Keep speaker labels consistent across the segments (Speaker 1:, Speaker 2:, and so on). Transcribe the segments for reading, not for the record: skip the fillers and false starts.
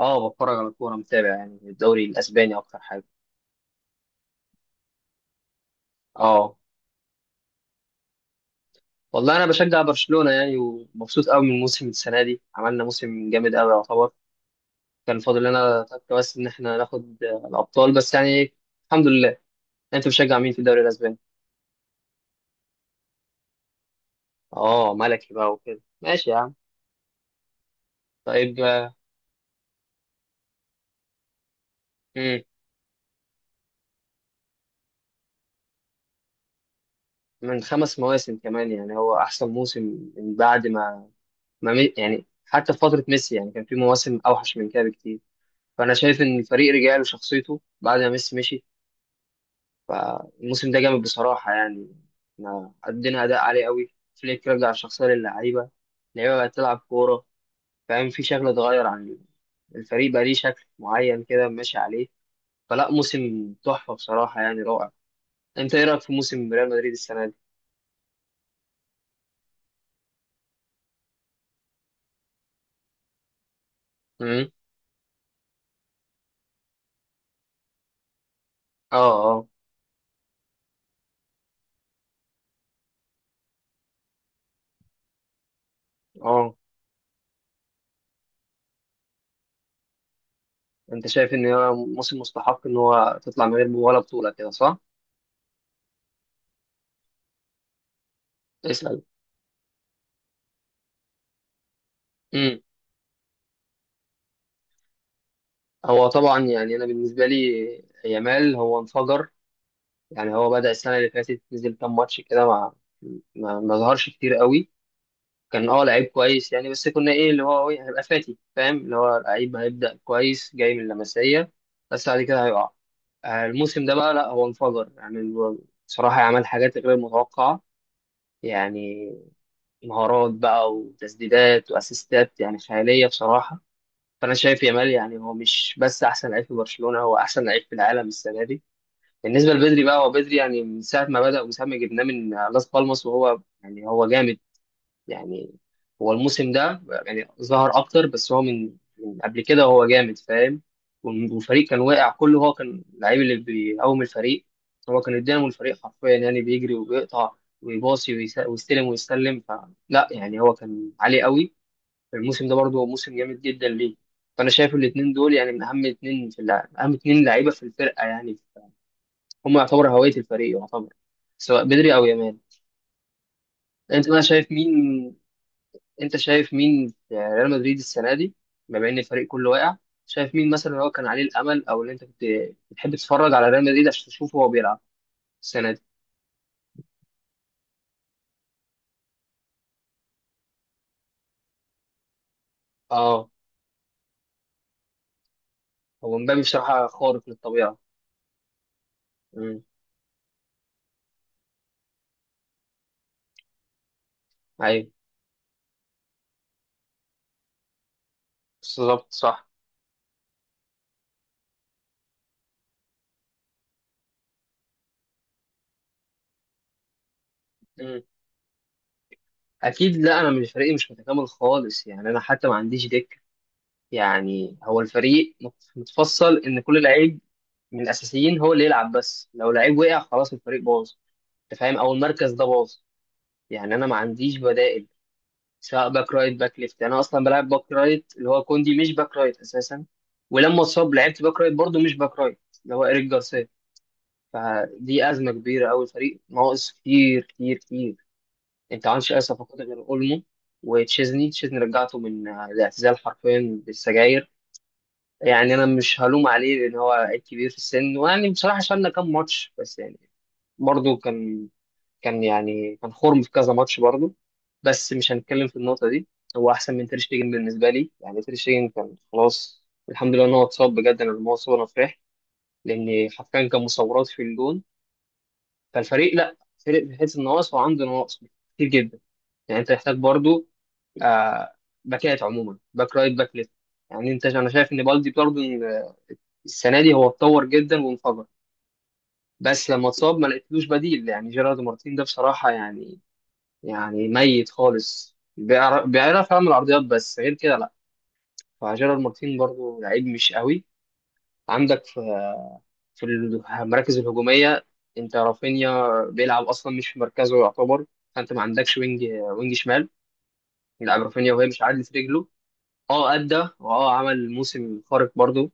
Speaker 1: اه، بتفرج على الكوره، متابع يعني الدوري الاسباني اكتر حاجه. اه، والله انا بشجع برشلونه يعني ومبسوط قوي من موسم السنه دي. عملنا موسم جامد قوي يعتبر. كان فاضل لنا تك بس ان احنا ناخد الابطال بس يعني. الحمد لله. انت بتشجع مين في الدوري الاسباني؟ اه، ملكي بقى وكده ماشي يا عم. طيب آه، مم. من 5 مواسم كمان، يعني هو احسن موسم من بعد ما, ما مي- يعني حتى في فتره ميسي، يعني كان في مواسم اوحش من كده بكتير. فانا شايف ان الفريق رجع له شخصيته بعد ما ميسي مشي. فالموسم ده جامد بصراحة يعني، احنا قدمنا أداء عالي قوي. فليك رجع الشخصية للعيبة، اللعيبة بقت تلعب كورة، فاهم؟ في شكل اتغير عن الفريق، بقى ليه شكل معين كده ماشي عليه. فلا، موسم تحفة بصراحة يعني، رائع. انت ايه رأيك في موسم ريال مدريد السنة دي؟ امم. اه. اه. اه، انت شايف ان هو موسم مستحق ان هو تطلع من غير ولا بطولة كده صح؟ اسأل. امم. هو طبعا يعني انا بالنسبة لي يامال هو انفجر. يعني هو بدأ السنة اللي فاتت، نزل كام ماتش كده ما ظهرش كتير قوي. كان اه لعيب كويس يعني، بس كنا ايه اللي هو إيه، هيبقى فاتي، فاهم؟ اللي هو لعيب هيبدأ كويس جاي من اللمسية، بس بعد كده هيقع. الموسم ده بقى لا، هو انفجر يعني. هو بصراحة عمل حاجات غير متوقعة يعني، مهارات بقى وتسديدات واسيستات يعني خيالية بصراحة. فأنا شايف يامال يعني هو مش بس أحسن لعيب في برشلونة، هو أحسن لعيب في العالم السنة دي. بالنسبه لبدري بقى، هو بدري يعني من ساعه ما بدا ومن ساعه ما جبناه من لاس بالماس، وهو يعني هو جامد يعني. هو الموسم ده يعني ظهر اكتر، بس هو من قبل كده هو جامد، فاهم؟ والفريق كان واقع كله، هو كان اللعيب اللي بيقوم الفريق. هو كان الدينامو الفريق حرفيا، يعني بيجري وبيقطع ويباصي ويستلم فلا، يعني هو كان عالي قوي الموسم ده برضه. هو موسم جامد جدا ليه. فانا شايف الاثنين دول يعني من اهم اثنين في اللعب، اهم اثنين لعيبه في الفرقه يعني. هم يعتبر هوية الفريق يعتبر، سواء بدري أو يامال. أنت بقى شايف مين؟ أنت شايف مين في ريال مدريد السنة دي؟ بما إن الفريق كله واقع، شايف مين مثلا هو كان عليه الأمل، أو اللي أنت كنت بتحب تتفرج على ريال مدريد عشان تشوفه وهو بيلعب السنة دي؟ أه. هو مبابي بصراحة خارق للطبيعة. امم. أيوه، بالظبط صح. امم. أكيد لا، أنا مش، فريقي مش متكامل خالص يعني. أنا حتى ما عنديش دكة يعني. هو الفريق متفصل إن كل لعيب من الاساسيين هو اللي يلعب، بس لو لعيب وقع خلاص الفريق باظ، انت فاهم، او المركز ده باظ. يعني انا ما عنديش بدائل، سواء باك رايت باك ليفت. يعني انا اصلا بلعب باك رايت، اللي هو كوندي، مش باك رايت اساسا. ولما اتصاب لعبت باك رايت برضه، مش باك رايت اللي هو ايريك جارسيا. فدي ازمه كبيره قوي، الفريق ناقص كتير كتير كتير. انت ما عندكش اي صفقات غير اولمو وتشيزني. تشيزني رجعته من الاعتزال حرفيا بالسجاير. يعني انا مش هلوم عليه لان هو عيب كبير في السن، ويعني بصراحه شالنا كام ماتش بس، يعني برضو كان يعني كان خرم في كذا ماتش برضو. بس مش هنتكلم في النقطة دي. هو أحسن من تير شتيجن بالنسبة لي. يعني تير شتيجن كان خلاص، الحمد لله إن هو اتصاب، بجد أنا لما هو اتصاب أنا فرحت، لأن حرفيا كان مصورات في الجون. فالفريق لأ، فريق بيحس النواقص وعنده نواقص كتير جدا. يعني أنت محتاج برضو آه باكات عموما، باك رايت باك ليفت. يعني أنا شايف إن بالدي برضو السنة دي هو اتطور جدا وانفجر، بس لما اتصاب ما لقيتلوش بديل. يعني جيرارد مارتين ده بصراحة يعني، يعني ميت خالص. بيعرف يعمل عرضيات، بس غير كده لا. فجيرارد مارتين برضو لعيب مش قوي. عندك في المراكز الهجومية، انت رافينيا بيلعب اصلا مش في مركزه يعتبر. فانت ما عندكش وينج، وينج شمال يلعب رافينيا وهي مش عادلة رجله. اه، ادى، واه عمل موسم خارق برضو،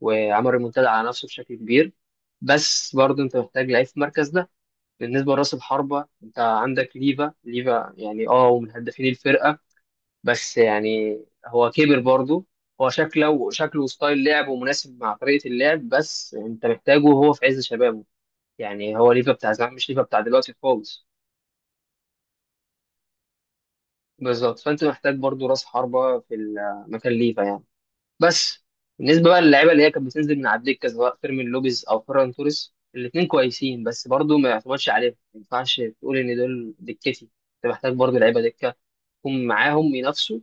Speaker 1: وعمل ريمونتادا على نفسه بشكل كبير. بس برضو انت محتاج لعيب في المركز ده. بالنسبة لراس الحربة، انت عندك ليفا. ليفا يعني اه ومن هدافين الفرقة، بس يعني هو كبر برضه. هو شكله شكله وستايل لعبه مناسب مع طريقة اللعب، بس انت محتاجه وهو في عز شبابه. يعني هو ليفا بتاع زمان، مش ليفا بتاع دلوقتي خالص. بالظبط. فانت محتاج برضه راس حربة في مكان ليفا يعني. بس بالنسبة بقى للعيبة اللي هي كانت بتنزل من على الدكة، سواء فيرمين لوبيز أو فيران توريس، الاتنين كويسين، بس برضه ما يعتمدش عليهم، ما ينفعش تقول إن دول دكتي. انت محتاج برضه لعيبة دكة يكون معاهم ينافسوا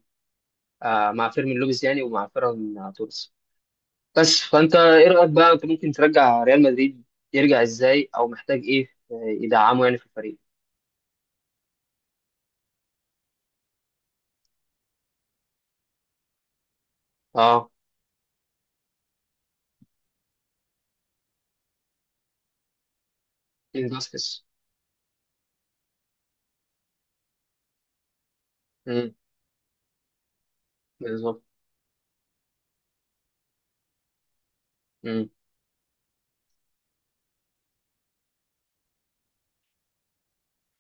Speaker 1: مع فيرمين لوبيز يعني ومع فيران توريس. بس فانت ايه رايك بقى، انت ممكن ترجع ريال مدريد يرجع ازاي؟ او محتاج ايه يدعمه يعني في الفريق؟ اه. كين فاسكيز. امم. بالظبط. امم.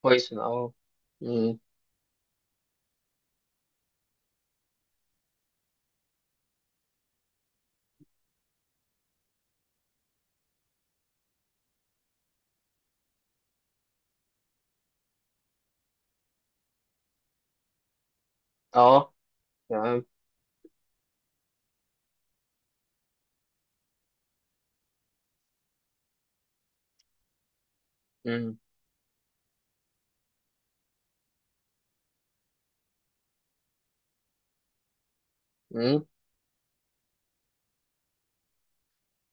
Speaker 1: كويس اه. امم. اه. تمام. امم. امم.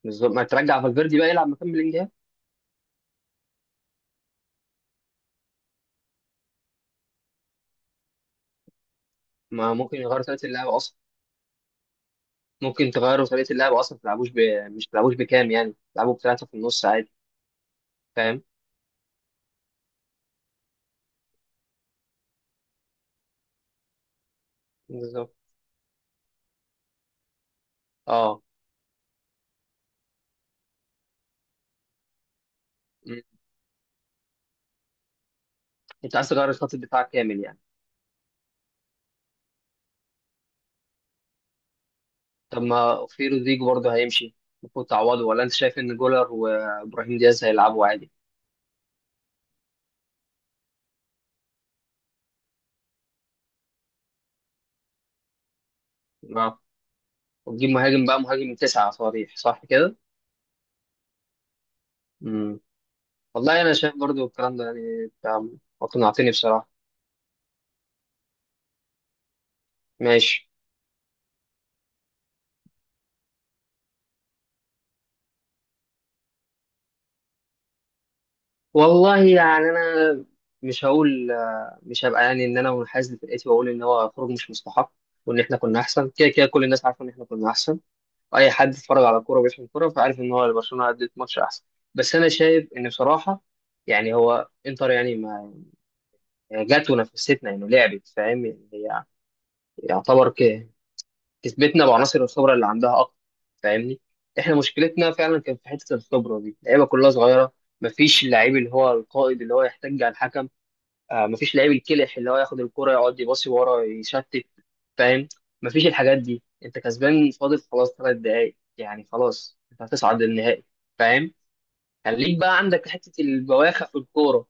Speaker 1: بالظبط. ما ترجع فالفيردي بقى يلعب مكان بلينجهام. ما ممكن يغيروا طريقه اللعب اصلا. ممكن تغيروا طريقه اللعب اصلا، ما تلعبوش. مش تلعبوش بكام يعني، تلعبوا بثلاثه في النص عادي. فاهم. بالظبط اه. مم. انت عايز تغير خط الدفاع كامل يعني. طب ما في رودريجو برضه هيمشي، المفروض تعوضه، ولا انت شايف ان جولر وابراهيم دياز هيلعبوا عادي؟ اه. وتجيب مهاجم بقى، مهاجم تسعة صريح، صح كده. امم. والله انا شايف برضه الكلام ده، يعني انت اقنعتني بصراحة. ماشي. والله يعني انا مش هقول، مش هبقى يعني ان انا منحاز لفرقتي واقول ان هو خروج مش مستحق، وان احنا كنا احسن. كده كده كل الناس عارفه ان احنا كنا احسن. اي حد اتفرج على كوره وبيفهم كوره فعارف ان هو برشلونه قدمت ماتش احسن. بس انا شايف ان بصراحه يعني هو انتر، يعني ما جت ونفستنا انه لعبت، فاهم يعني؟ هي يعتبر كسبتنا بعناصر الخبره اللي عندها اكتر، فاهمني؟ احنا مشكلتنا فعلا كان في حته الخبره دي، اللعيبه كلها صغيره. مفيش اللعيب اللي هو القائد اللي هو يحتج على الحكم، مفيش لعيب الكلح اللي هو ياخد الكرة يقعد يباصي ورا يشتت، فاهم؟ مفيش الحاجات دي. انت كسبان، فاضل خلاص 3 دقايق يعني، خلاص انت هتصعد للنهائي، فاهم؟ خليك بقى عندك حتة البواخع في الكورة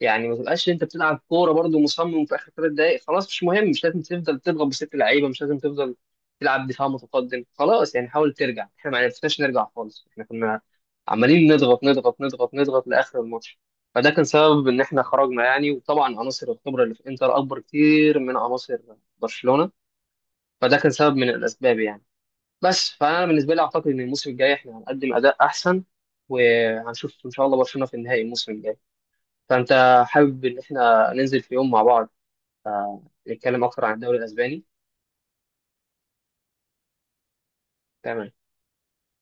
Speaker 1: يعني، ما تبقاش انت بتلعب كوره برضو مصمم في اخر 3 دقائق. خلاص مش مهم، مش لازم تفضل تضغط بست لعيبه، مش لازم تفضل تلعب دفاع متقدم. خلاص يعني، حاول ترجع. احنا ما عرفناش نرجع خالص، احنا كنا عمالين نضغط نضغط نضغط نضغط لاخر الماتش. فده كان سبب ان احنا خرجنا يعني، وطبعا عناصر الخبره اللي في انتر اكبر كتير من عناصر برشلونه. فده كان سبب من الاسباب يعني. بس فانا بالنسبه لي اعتقد ان الموسم الجاي احنا هنقدم اداء احسن، وهنشوف ان شاء الله برشلونه في النهائي الموسم الجاي. فأنت حابب إن إحنا ننزل في يوم مع بعض نتكلم أكتر عن الدوري الأسباني؟ تمام.